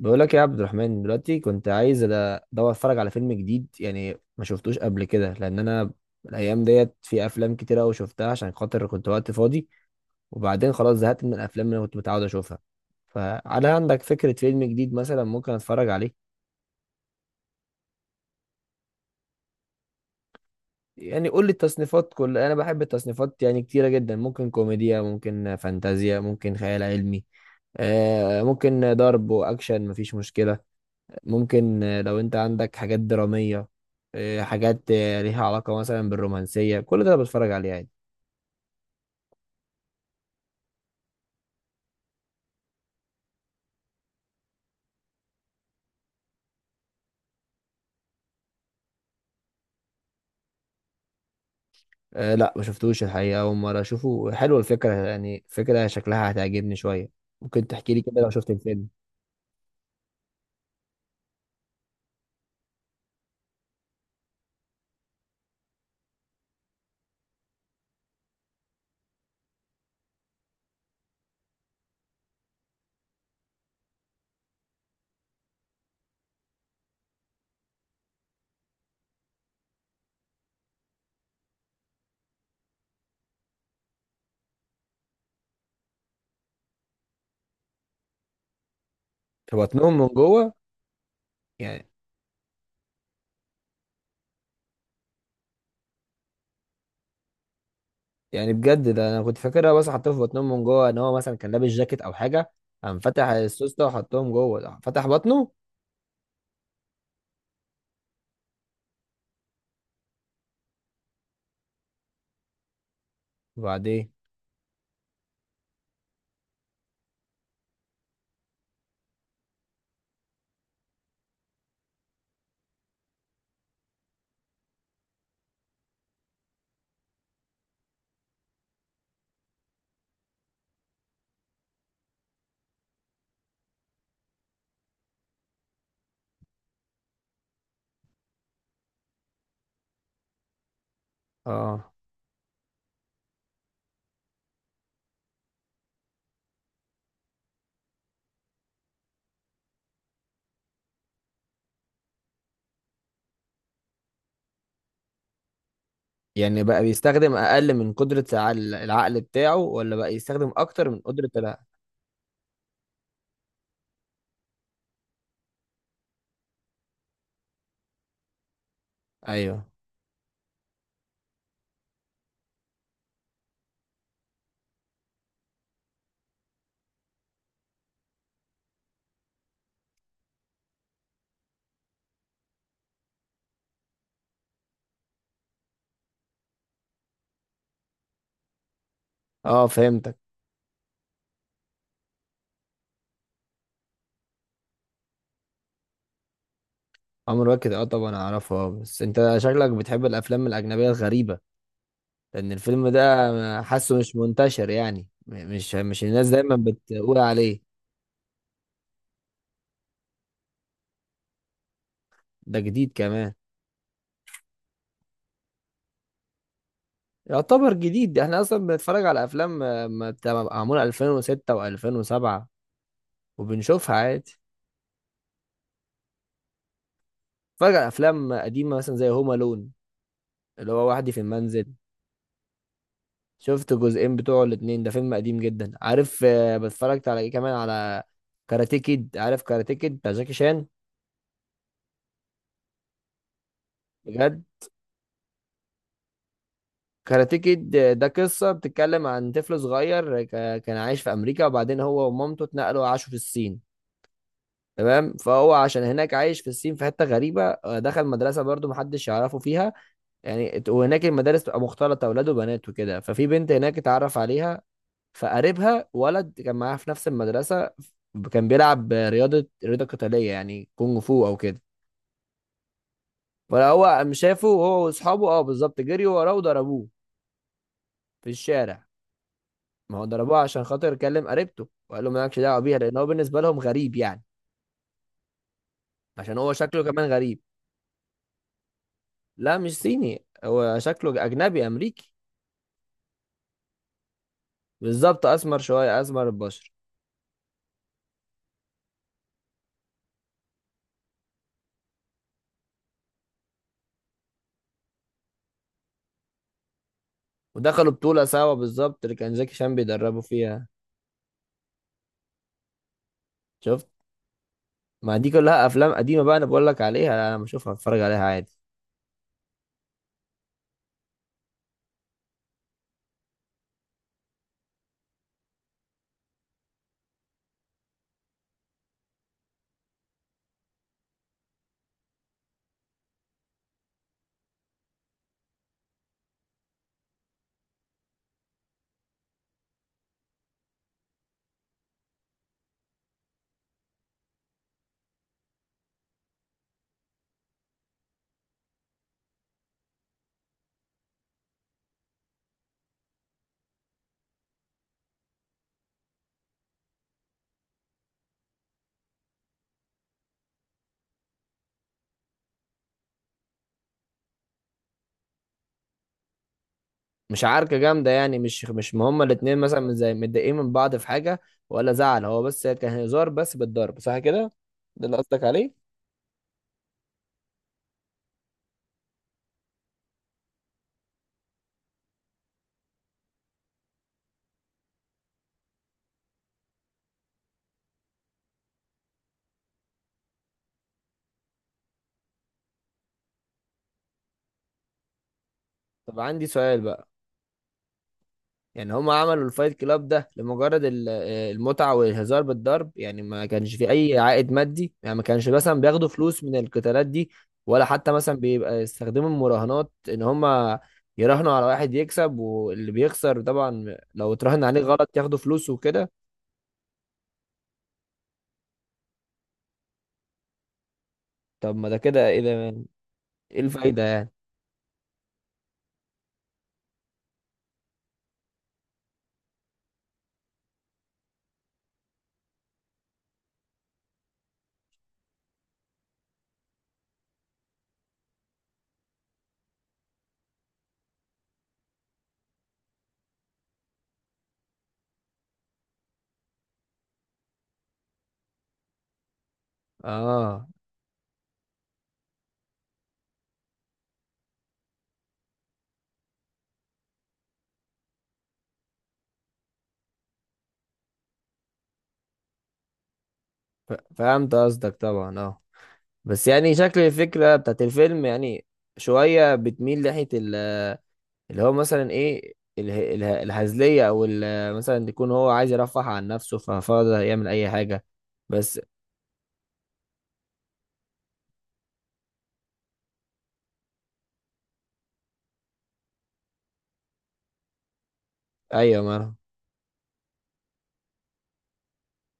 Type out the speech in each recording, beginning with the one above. بقول لك يا عبد الرحمن، دلوقتي كنت عايز ادور اتفرج على فيلم جديد، يعني ما شفتوش قبل كده لان انا الايام ديت في افلام كتير قوي شفتها عشان خاطر كنت وقت فاضي، وبعدين خلاص زهقت من الافلام اللي انا كنت متعود اشوفها. فهل عندك فكرة فيلم جديد مثلا ممكن اتفرج عليه؟ يعني قول لي التصنيفات، كل انا بحب التصنيفات يعني كتيرة جدا، ممكن كوميديا، ممكن فانتازيا، ممكن خيال علمي. ممكن ضرب واكشن، مفيش مشكلة. ممكن، لو انت عندك حاجات درامية. حاجات ليها علاقة مثلا بالرومانسية، كل ده أنا بتفرج عليه عادي. لا، ما شفتوش الحقيقة، أول مرة أشوفه. حلوة الفكرة، يعني فكرة شكلها هتعجبني شوية. ممكن تحكي لي كده لو شفت الفيلم؟ في بطنهم من جوه يعني؟ يعني بجد ده أنا كنت فاكرها، بس حطيته في بطنهم من جوه إن هو مثلا كان لابس جاكيت أو حاجة. قام فتح السوس ده وحطهم جوه؟ ده فتح بطنه؟ وبعدين؟ اه. يعني بقى بيستخدم أقل من قدرة العقل بتاعه، ولا بقى يستخدم أكتر من قدرة؟ ايوه. اه، فهمتك. عمرو واكد، اه طبعا اعرفه. اه، بس انت شكلك بتحب الافلام الاجنبيه الغريبه، لان الفيلم ده حاسه مش منتشر، يعني مش الناس دايما بتقول عليه. ده جديد كمان؟ يعتبر جديد، ده احنا اصلا بنتفرج على افلام ما بتبقى معموله 2006 و2007 وبنشوفها عادي. بنتفرج على افلام قديمه مثلا زي هوم الون، اللي هو وحدي في المنزل. شفت جزئين بتوعه الاتنين، ده فيلم قديم جدا. عارف، بتفرجت على ايه كمان، على كاراتيه كيد. عارف كاراتيه كيد بتاع جاكي شان؟ بجد؟ كاراتيه كيد ده قصة بتتكلم عن طفل صغير، كان عايش في أمريكا وبعدين هو ومامته اتنقلوا وعاشوا في الصين. تمام، فهو عشان هناك عايش في الصين في حتة غريبة، دخل مدرسة برضو محدش يعرفه فيها. يعني وهناك المدارس تبقى مختلطة أولاد وبنات وكده، ففي بنت هناك اتعرف عليها. فقريبها ولد كان معاها في نفس المدرسة، كان بيلعب رياضة قتالية يعني كونغ فو أو كده. فهو قام شافه هو وأصحابه. بالظبط، جريوا وراه وضربوه في الشارع. ما هو ضربوه عشان خاطر كلم قريبته، وقال له مالكش دعوة بيها، لأن هو بالنسبة لهم غريب يعني. عشان هو شكله كمان غريب. لا، مش صيني، هو شكله أجنبي أمريكي. بالظبط، أسمر شوية، أسمر البشر. ودخلوا بطولة سوا، بالظبط اللي كان جاكي شان بيدربه فيها. شفت؟ ما دي كلها أفلام قديمة بقى أنا بقول لك عليها. لا أنا بشوفها، بتفرج عليها عادي. مش عركة جامدة يعني؟ مش ما هما الاتنين مثلا من زي متضايقين من بعض في حاجة ولا زعل؟ هو بس كان هزار بس بالضرب، صح كده؟ ده اللي قصدك عليه؟ طب عندي سؤال بقى. يعني هما عملوا الفايت كلاب ده لمجرد المتعة والهزار بالضرب؟ يعني ما كانش في أي عائد مادي، يعني ما كانش مثلا بياخدوا فلوس من القتالات دي؟ ولا حتى مثلا بيبقى يستخدموا المراهنات إن هما يراهنوا على واحد يكسب، واللي بيخسر طبعا لو اتراهن عليه غلط ياخدوا فلوس وكده؟ طب ما ده كده ايه ده؟ ايه الفايدة؟ اه، فهمت قصدك طبعا، اه. بس يعني شكل الفكرة بتاعت الفيلم، يعني شوية بتميل ناحية اللي هو مثلا ايه، الهزلية، او مثلا يكون هو عايز يرفه عن نفسه ففاضي يعمل اي حاجة. بس، ايوه. ما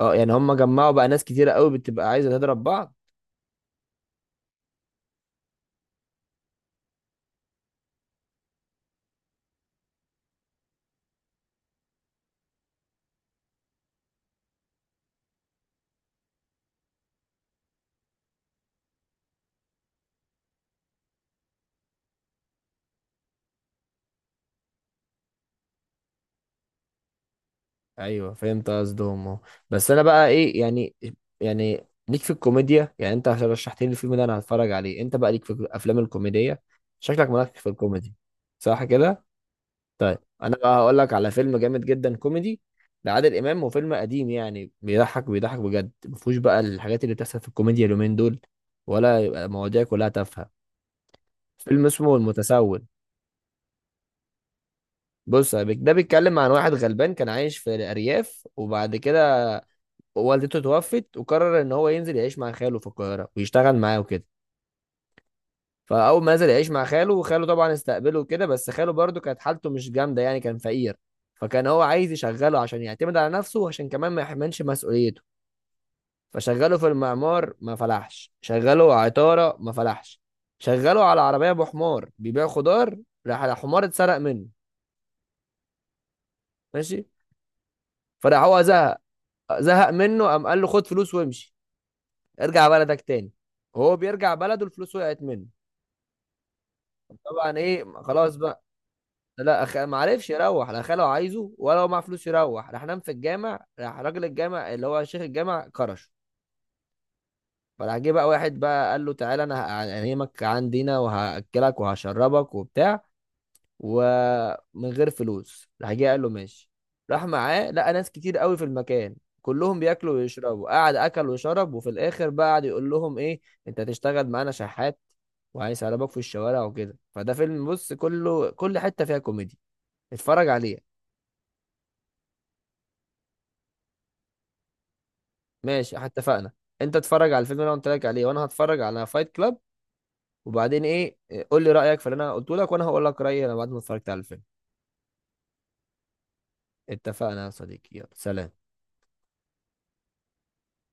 اه يعني هم جمعوا بقى ناس كتيرة قوي بتبقى عايزة تضرب بعض. ايوه، فهمت قصدهم اهو. بس انا بقى ايه يعني ليك في الكوميديا، يعني انت عشان رشحت لي الفيلم ده انا هتفرج عليه. انت بقى ليك في الافلام الكوميديه، شكلك مالك في الكوميدي، صح كده؟ طيب، انا بقى هقول لك على فيلم جامد جدا كوميدي لعادل امام، وفيلم قديم. يعني بيضحك بيضحك بجد، ما فيهوش بقى الحاجات اللي بتحصل في الكوميديا اليومين دول، ولا يبقى مواضيع كلها تافهه. فيلم اسمه المتسول. بص يا ده بيتكلم عن واحد غلبان كان عايش في الارياف. وبعد كده والدته توفت، وقرر ان هو ينزل يعيش مع خاله في القاهره ويشتغل معاه وكده. فاول ما نزل يعيش مع خاله، وخاله طبعا استقبله وكده، بس خاله برضه كانت حالته مش جامده، يعني كان فقير. فكان هو عايز يشغله عشان يعتمد على نفسه وعشان كمان ما يحملش مسؤوليته. فشغله في المعمار ما فلحش، شغله عطاره ما فلحش، شغله على عربيه ابو حمار بيبيع خضار. راح الحمار اتسرق منه. ماشي. فراح هو زهق. زهق منه، قام قال له خد فلوس وامشي، ارجع بلدك تاني. وهو بيرجع بلده، الفلوس وقعت منه. طبعا ايه خلاص بقى. لا ما عرفش يروح، لا خاله عايزه ولا هو معاه فلوس يروح. راح نام في الجامع، راح راجل الجامع اللي هو شيخ الجامع كرشه. فراح جه بقى واحد بقى قال له تعالى انا هنيمك عندنا وهاكلك وهشربك وبتاع، ومن غير فلوس. راح جه قال له ماشي. راح معاه، لقى ناس كتير قوي في المكان كلهم بياكلوا ويشربوا. قعد اكل وشرب، وفي الاخر بقى قعد يقول لهم ايه، انت هتشتغل معانا شحات وهيسربك في الشوارع وكده. فده فيلم بص كله، كل حتة فيها كوميديا. اتفرج عليه. ماشي، احنا اتفقنا. انت اتفرج على الفيلم اللي انا قلت لك عليه وانا هتفرج على فايت كلاب. وبعدين ايه، قول لي رايك في اللي انا قلته لك وانا هقول لك رايي انا بعد ما اتفرجت على الفيلم. اتفقنا يا صديقي، يلا سلام.